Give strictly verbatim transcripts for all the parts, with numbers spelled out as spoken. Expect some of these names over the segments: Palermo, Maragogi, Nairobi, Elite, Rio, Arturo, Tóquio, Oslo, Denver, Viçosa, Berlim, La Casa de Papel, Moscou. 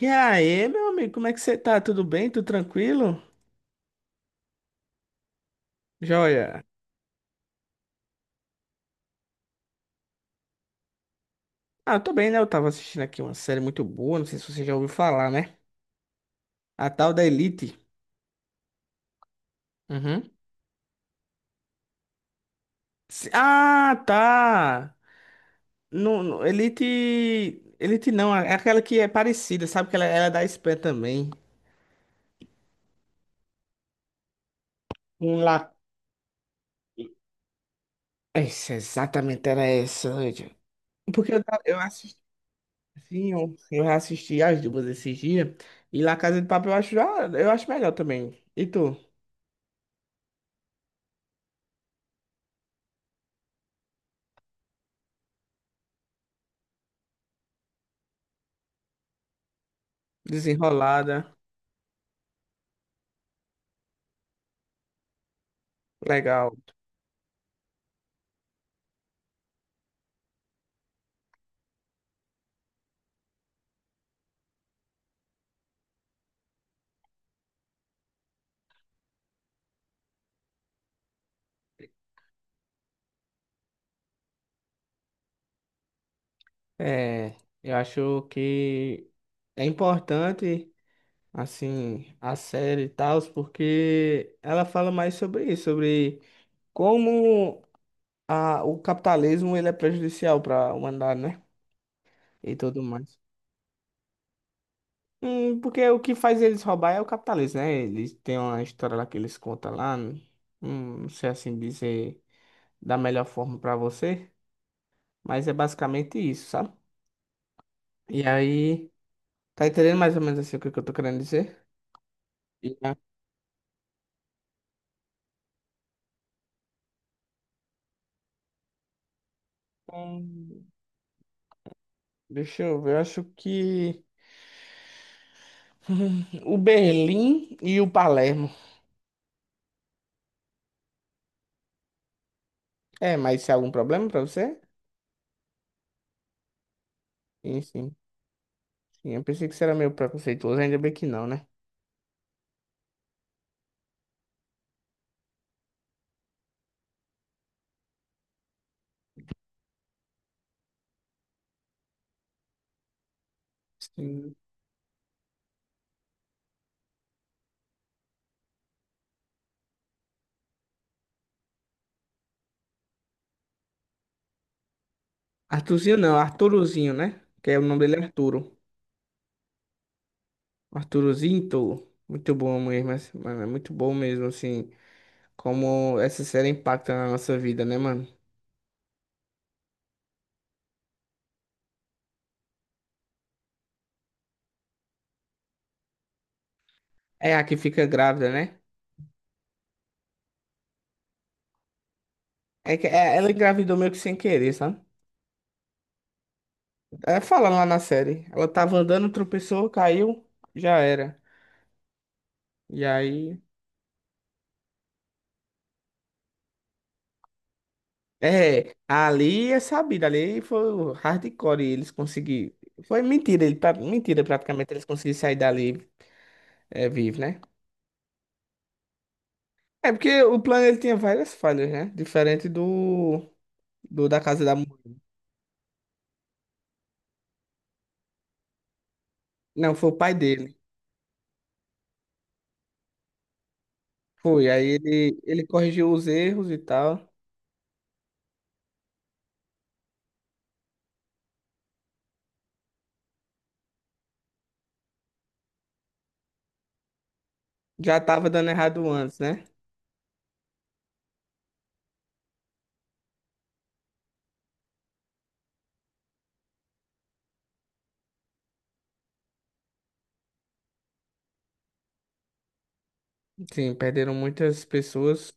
E aí, meu amigo, como é que você tá? Tudo bem? Tudo tranquilo? Joia. Ah, eu tô bem, né? Eu tava assistindo aqui uma série muito boa, não sei se você já ouviu falar, né? A tal da Elite. Uhum. Se- Ah, tá. No, no- Elite. Elite não, é aquela que é parecida, sabe? Que ela, ela é da Espanha também. Um lá. Essa, exatamente era essa, gente. Porque eu, tava- eu assisti, assim, eu, eu assisti as duas esses dias. E La Casa de Papel eu acho, já- eu acho melhor também. E tu? Desenrolada. Legal. É, eu acho que é importante, assim, a série e tal, porque ela fala mais sobre isso, sobre como a, o capitalismo ele é prejudicial para a humanidade, né? E tudo mais. Hum, porque o que faz eles roubar é o capitalismo, né? Eles têm uma história lá que eles contam lá, hum, não sei assim dizer da melhor forma para você, mas é basicamente isso, sabe? E aí, tá entendendo mais ou menos assim o que que eu tô querendo dizer? Hum, Deixa eu ver, eu acho que o Berlim e o Palermo. É, mas se há algum problema pra você? Sim, sim, sim. Eu pensei que você era meio preconceituoso, ainda bem que não, né? Sim. Arthurzinho não, Arturozinho, né? Que é o nome dele é Arturo. Arturozinho, tolo. Muito bom mesmo, mas mano, é muito bom mesmo, assim, como essa série impacta na nossa vida, né, mano? É a que fica grávida, né? É que é- ela engravidou meio que sem querer, sabe? É, fala lá na série. Ela tava andando, tropeçou, caiu, já era. E aí, é, ali é sabido, ali foi o hardcore e eles conseguiram. Foi mentira, ele, pra- Mentira praticamente, eles conseguiram sair dali, é, vivo, né? É porque o plano ele tinha várias falhas, né? Diferente do, do da casa da. Mu- Não, foi o pai dele. Foi, aí ele, ele corrigiu os erros e tal. Já tava dando errado antes, né? Sim, perderam muitas pessoas.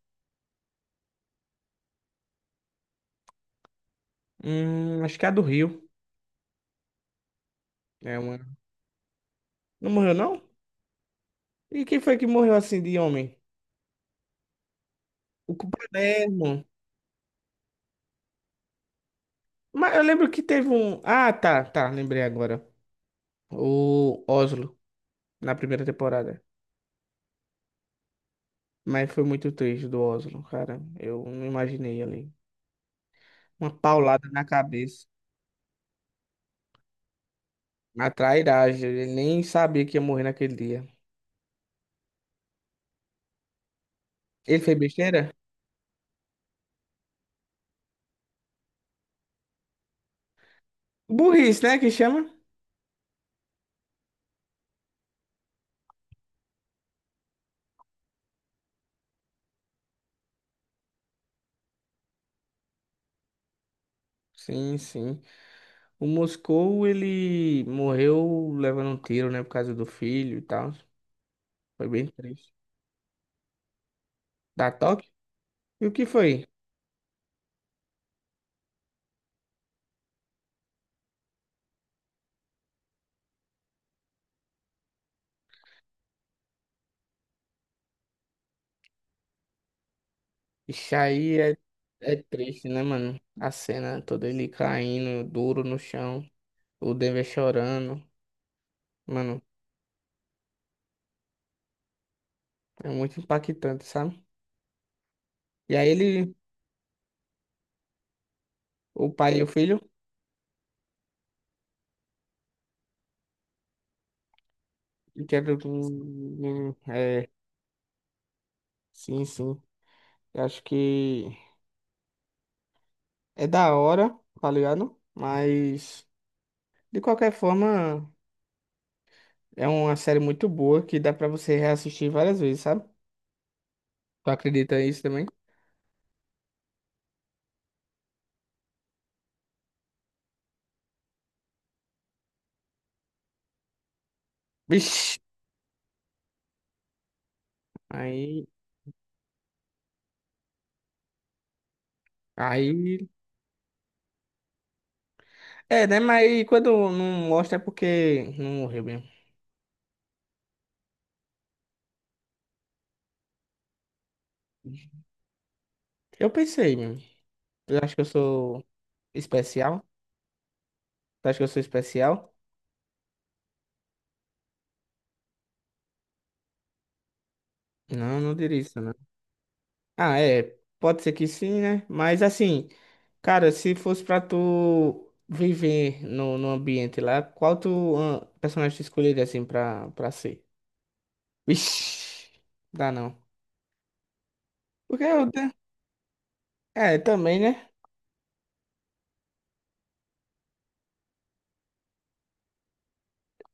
Hum, acho que é a do Rio. É uma. Não morreu, não? E quem foi que morreu assim de homem? O Palermo. Mas eu lembro que teve um. Ah, tá, tá, lembrei agora. O Oslo, na primeira temporada. Mas foi muito triste do Oslo, cara. Eu não imaginei ali. Uma paulada na cabeça. Uma trairagem. Ele nem sabia que ia morrer naquele dia. Ele fez besteira? Burrice, né? Que chama? Sim, sim. O Moscou, ele morreu levando um tiro, né? Por causa do filho e tal. Foi bem triste. Da Tóquio? E o que foi? Isso aí é, é triste, né, mano? A cena toda ele caindo duro no chão, o Denver chorando. Mano, é muito impactante, sabe? E aí ele, o pai e o filho, quero. É, do- do- é, sim, sim. Eu acho que é da hora, tá ligado? Mas, de qualquer forma, é uma série muito boa que dá pra você reassistir várias vezes, sabe? Tu acredita nisso também? Vixe! Aí, aí, é, né? Mas quando não mostra é porque não morreu mesmo. Eu pensei mesmo. Tu acha que eu sou especial? Tu acha que eu sou especial? Não, não diria isso, não. Ah, é. Pode ser que sim, né? Mas assim, cara, se fosse pra tu viver no, no ambiente lá, qual tu ah, personagem tu escolheria assim pra, pra ser? Vixe, dá não. Porque eu. te- É, também, né?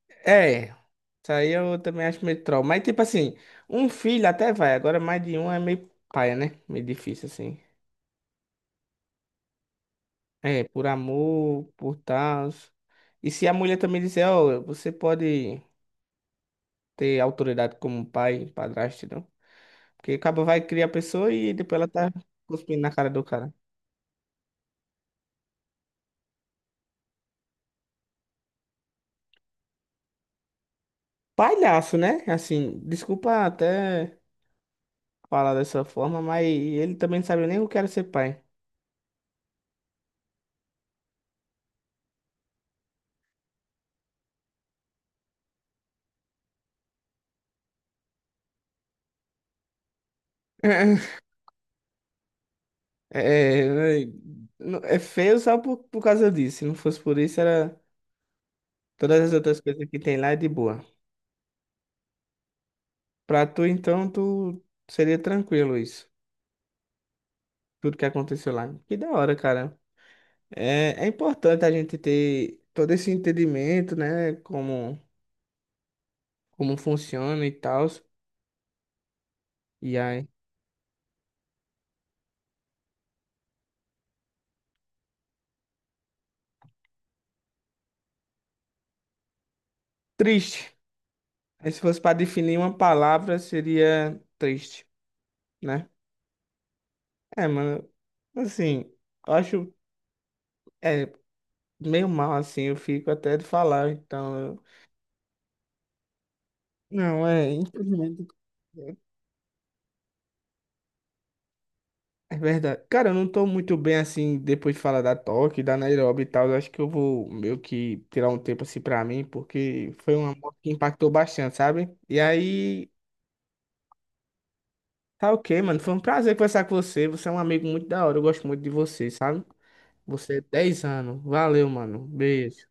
É, isso aí eu também acho meio troll. Mas, tipo assim, um filho até vai, agora mais de um é meio paia, né? Meio difícil, assim. É, por amor, por tal. E se a mulher também disser, ó, você pode ter autoridade como pai, padrasto, não? Porque acaba vai criar a pessoa e depois ela tá cuspindo na cara do cara. Palhaço, né? Assim, desculpa até falar dessa forma, mas ele também não sabe nem o que era ser pai. É, é é feio só por, por causa disso. Se não fosse por isso, era todas as outras coisas que tem lá é de boa. Pra tu, então, tu seria tranquilo isso. Tudo que aconteceu lá. Que da hora, cara. É, é importante a gente ter todo esse entendimento, né? Como, como funciona e tal. E aí. Triste. Aí, se fosse pra definir uma palavra, seria triste, né? É, mano. Assim, eu acho. É, meio mal assim, eu fico até de falar, então. eu- Não, é, infelizmente. É verdade. Cara, eu não tô muito bem assim depois de falar da Tóquio, da Nairobi e tal. Eu acho que eu vou meio que tirar um tempo assim pra mim, porque foi uma moto que impactou bastante, sabe? E aí, tá ok, mano. Foi um prazer conversar com você. Você é um amigo muito da hora. Eu gosto muito de você, sabe? Você é 10 anos. Valeu, mano. Beijo.